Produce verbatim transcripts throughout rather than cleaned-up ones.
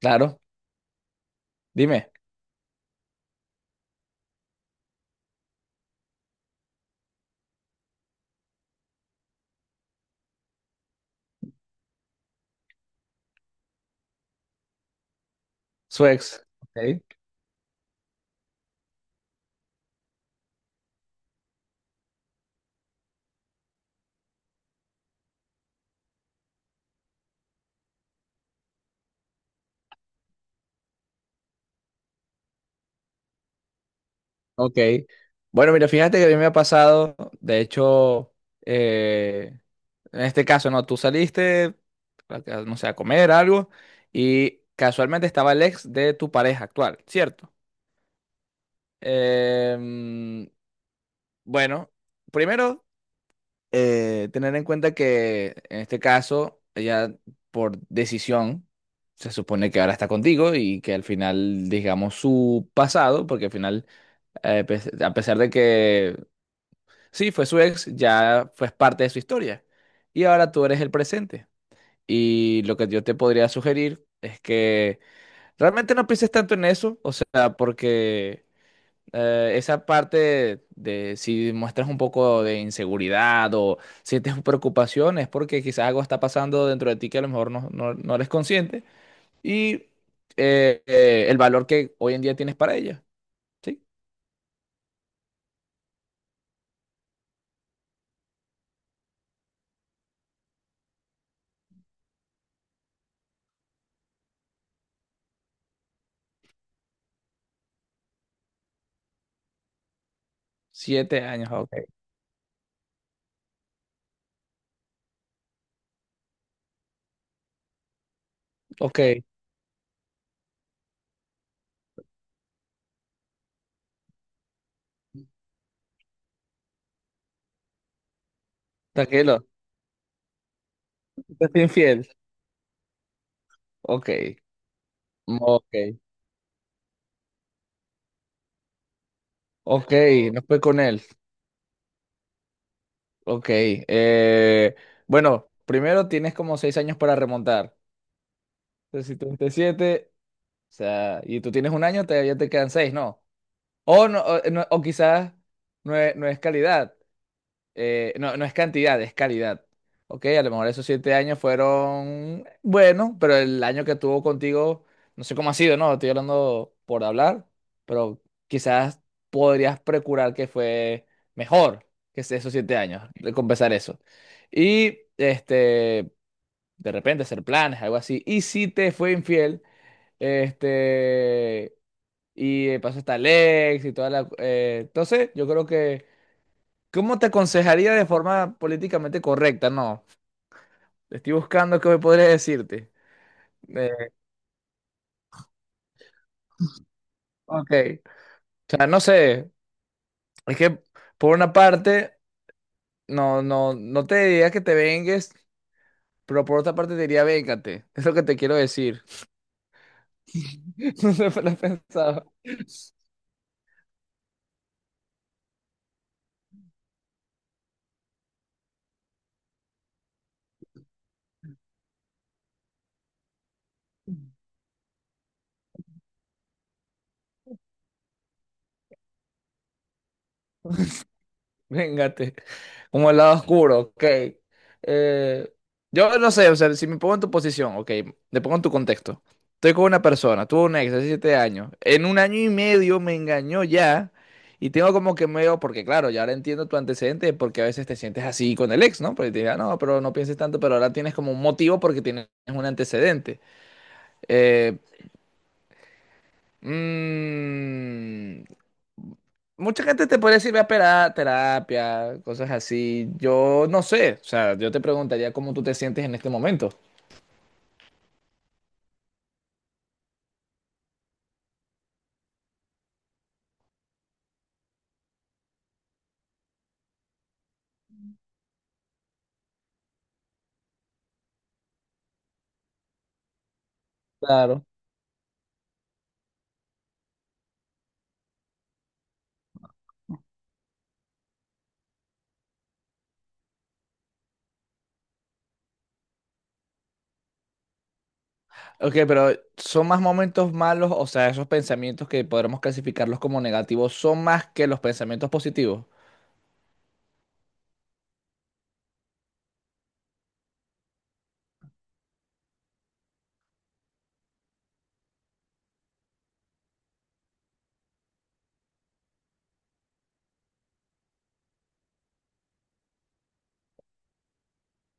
Claro, dime, su ex. Ok, ok. Bueno, mira, fíjate que a mí me ha pasado, de hecho, eh, en este caso, no, tú saliste, a- a- no sé, a comer algo y casualmente estaba el ex de tu pareja actual, ¿cierto? Em, bueno, primero, eh, tener en cuenta que en este caso, ella por decisión, se supone que ahora está contigo y que al final, digamos, su pasado, porque al final, eh, pues, a pesar de que sí, fue su ex, ya fue parte de su historia. Y ahora tú eres el presente. Y lo que yo te podría sugerir es que realmente no pienses tanto en eso, o sea, porque eh, esa parte de si muestras un poco de inseguridad o sientes preocupación es porque quizás algo está pasando dentro de ti que a lo mejor no, no, no eres consciente. Y eh, eh, el valor que hoy en día tienes para ella. ¿Sí? Siete años, ok. Ok. Tranquilo, te fui infiel. Ok, ok, ok, no fue con él. Ok, eh, bueno, primero tienes como seis años para remontar. Entonces, si treinta y siete, o sea, y tú tienes un año, te, ya te quedan seis, ¿no? O, no, o, no- o quizás no es, no es calidad. Eh, no, no es cantidad, es calidad. Ok, a lo mejor esos siete años fueron buenos, pero el año que tuvo contigo, no sé cómo ha sido, ¿no? Estoy hablando por hablar, pero quizás podrías procurar que fue mejor que ese- esos siete años, recompensar eso. Y este, de repente hacer planes, algo así. Y si te fue infiel, este, y eh, pasó hasta el ex y toda la, eh, entonces, yo creo que. ¿Cómo te aconsejaría de forma políticamente correcta? No, estoy buscando qué me podría decirte. Eh, ok, o sea, no sé, es que por una parte, no, no, no te diría que te vengues, pero por otra parte te diría véngate, es lo que te quiero decir. No sé, lo he pensado. Véngate, como el lado oscuro, ok. Eh, yo no sé, o sea, si me pongo en tu posición, ok, te pongo en tu contexto. Estoy con una persona, tuve un ex hace siete años, en un año y medio me engañó ya, y tengo como que medio, porque claro, ya ahora entiendo tu antecedente, porque a veces te sientes así con el ex, ¿no? Porque te diga, no, pero no pienses tanto, pero ahora tienes como un motivo porque tienes un antecedente. Eh, Mm, mucha gente te puede decir, ve a pera- terapia, cosas así. Yo no sé, o sea, yo te preguntaría cómo tú te sientes en este momento. Claro. Ok, pero ¿son más momentos malos? O sea, esos pensamientos que podremos clasificarlos como negativos son más que los pensamientos positivos.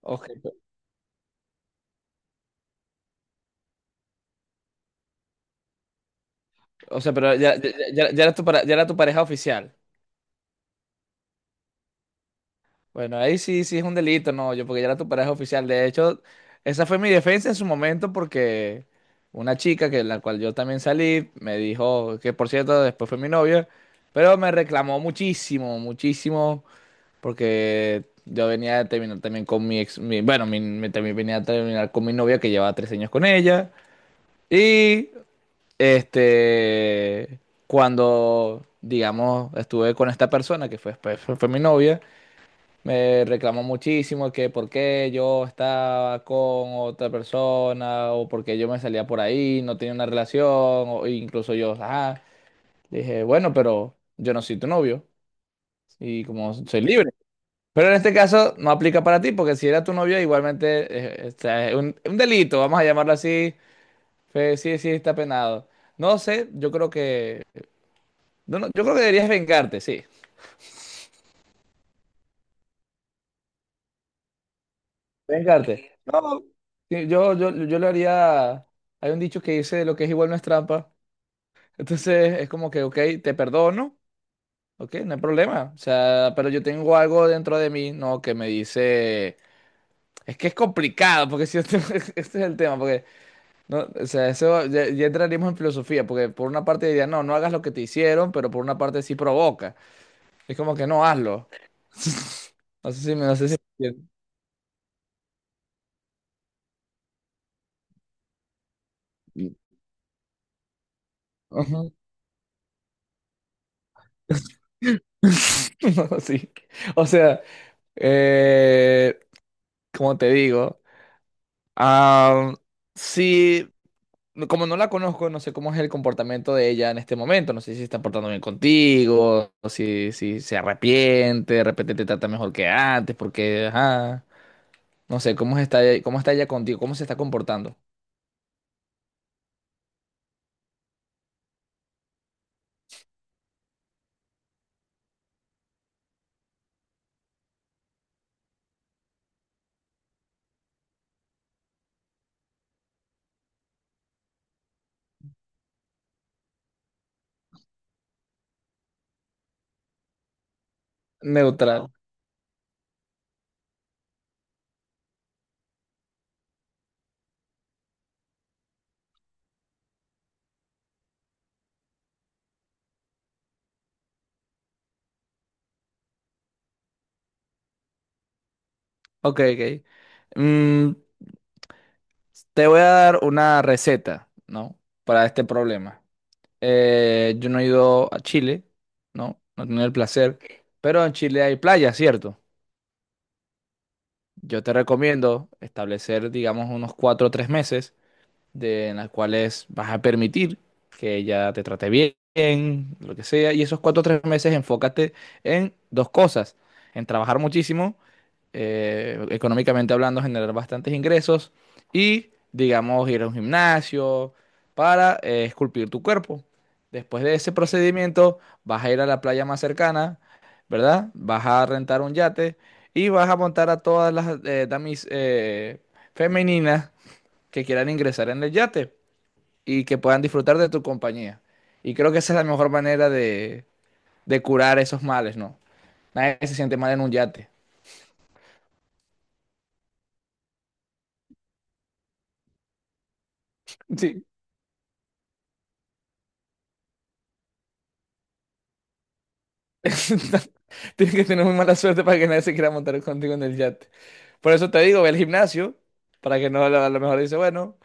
Ok, pe- o sea, pero ya, ya, ya- ya era tu, para- ya era tu pareja oficial. Bueno, ahí sí, sí es un delito, no, yo porque ya era tu pareja oficial. De hecho, esa fue mi defensa en su momento porque una chica que la cual yo también salí me dijo que por cierto después fue mi novia, pero me reclamó muchísimo, muchísimo porque yo venía de terminar también con mi ex, mi- bueno, mi- me también venía a terminar con mi novia que llevaba tres años con ella y este cuando digamos estuve con esta persona que fue después fue fue mi novia me reclamó muchísimo que por qué yo estaba con otra persona o por qué yo me salía por ahí, no tenía una relación, o incluso yo, ajá, le dije, bueno, pero yo no soy tu novio y como soy libre. Pero en este caso no aplica para ti, porque si era tu novio, igualmente eh, eh, o sea, es un, un delito, vamos a llamarlo así. Fe- sí, sí, está penado. No sé, yo creo que. No, no, yo creo que deberías vengarte, sí. Vengarte. No, sí, yo, yo, yo lo haría. Hay un dicho que dice lo que es igual no es trampa. Entonces es como que, ok, te perdono, ok, no hay problema. O sea, pero yo tengo algo dentro de mí, ¿no? Que me dice. Es que es complicado, porque si este, este es el tema, porque, no, o sea, eso ya, ya entraríamos en filosofía, porque por una parte diría, no, no hagas lo que te hicieron, pero por una parte sí provoca. Es como que no hazlo. No sé si me, no sé si. me entiendes. Ujú. No, sí. O sea. Eh, como te digo, am, sí, no, como no la conozco, no sé cómo es el comportamiento de ella en este momento. No sé si se está portando bien contigo, o si, si se arrepiente, de repente te trata mejor que antes, porque, ajá, no sé cómo está, cómo está ella contigo, cómo se está comportando. Neutral. Ok, ok. Mm, Te voy a dar una receta, ¿no? Para este problema. Eh, yo no he ido a Chile, ¿no? No he tenido el placer, pero en Chile hay playa, ¿cierto? Yo te recomiendo establecer, digamos, unos cuatro o tres meses de, en las cuales vas a permitir que ella te trate bien, lo que sea. Y esos cuatro o tres meses enfócate en dos cosas, en trabajar muchísimo, eh, económicamente hablando, generar bastantes ingresos y, digamos, ir a un gimnasio para eh, esculpir tu cuerpo. Después de ese procedimiento, vas a ir a la playa más cercana, ¿verdad? Vas a rentar un yate y vas a montar a todas las eh, damis eh, femeninas que quieran ingresar en el yate y que puedan disfrutar de tu compañía. Y creo que esa es la mejor manera de, de curar esos males, ¿no? Nadie se siente mal en un yate. Sí. Tienes que tener muy mala suerte para que nadie se quiera montar contigo en el yate. Por eso te digo, ve al gimnasio, para que no a lo a lo mejor dice, bueno,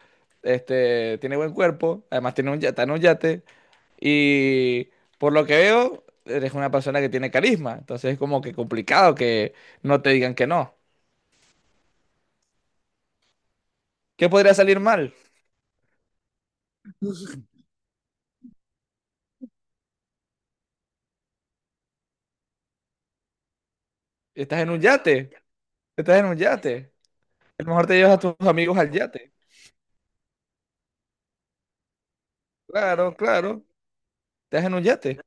este, tiene buen cuerpo, además tiene un yate, está en un yate, y por lo que veo, eres una persona que tiene carisma, entonces es como que complicado que no te digan que no. ¿Qué podría salir mal? Estás en un yate, estás en un yate. A lo mejor te llevas a tus amigos al yate. Claro, claro, estás en un yate.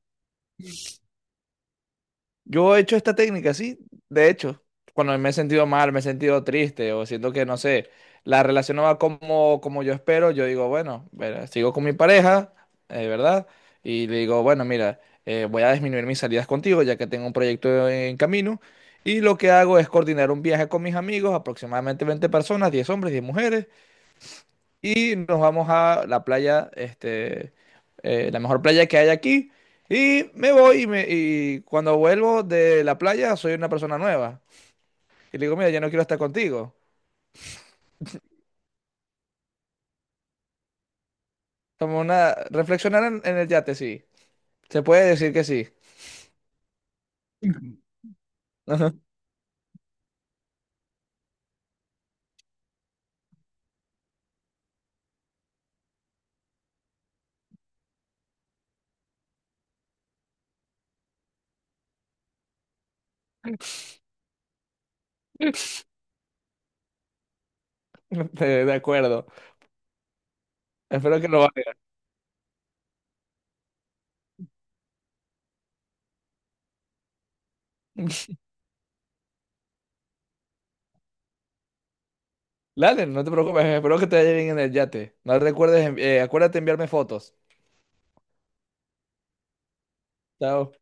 Yo he hecho esta técnica, sí, de hecho, cuando me he sentido mal, me he sentido triste o siento que, no sé, la relación no va como, como yo espero, yo digo, bueno, verá, sigo con mi pareja, eh, ¿verdad? Y le digo, bueno, mira, eh, voy a disminuir mis salidas contigo ya que tengo un proyecto en camino. Y lo que hago es coordinar un viaje con mis amigos, aproximadamente veinte personas, diez hombres, diez mujeres. Y nos vamos a la playa, este, eh, la mejor playa que hay aquí. Y me voy y, me- y cuando vuelvo de la playa soy una persona nueva. Y le digo, mira, ya no quiero estar contigo. Como una, reflexionar en, en el yate, sí. Se puede decir que sí. Ajá. De, de acuerdo. Espero que lo valga. Dale, no te preocupes. Espero que te vaya bien en el yate. No recuerdes, envi- eh, acuérdate de enviarme fotos. Chao.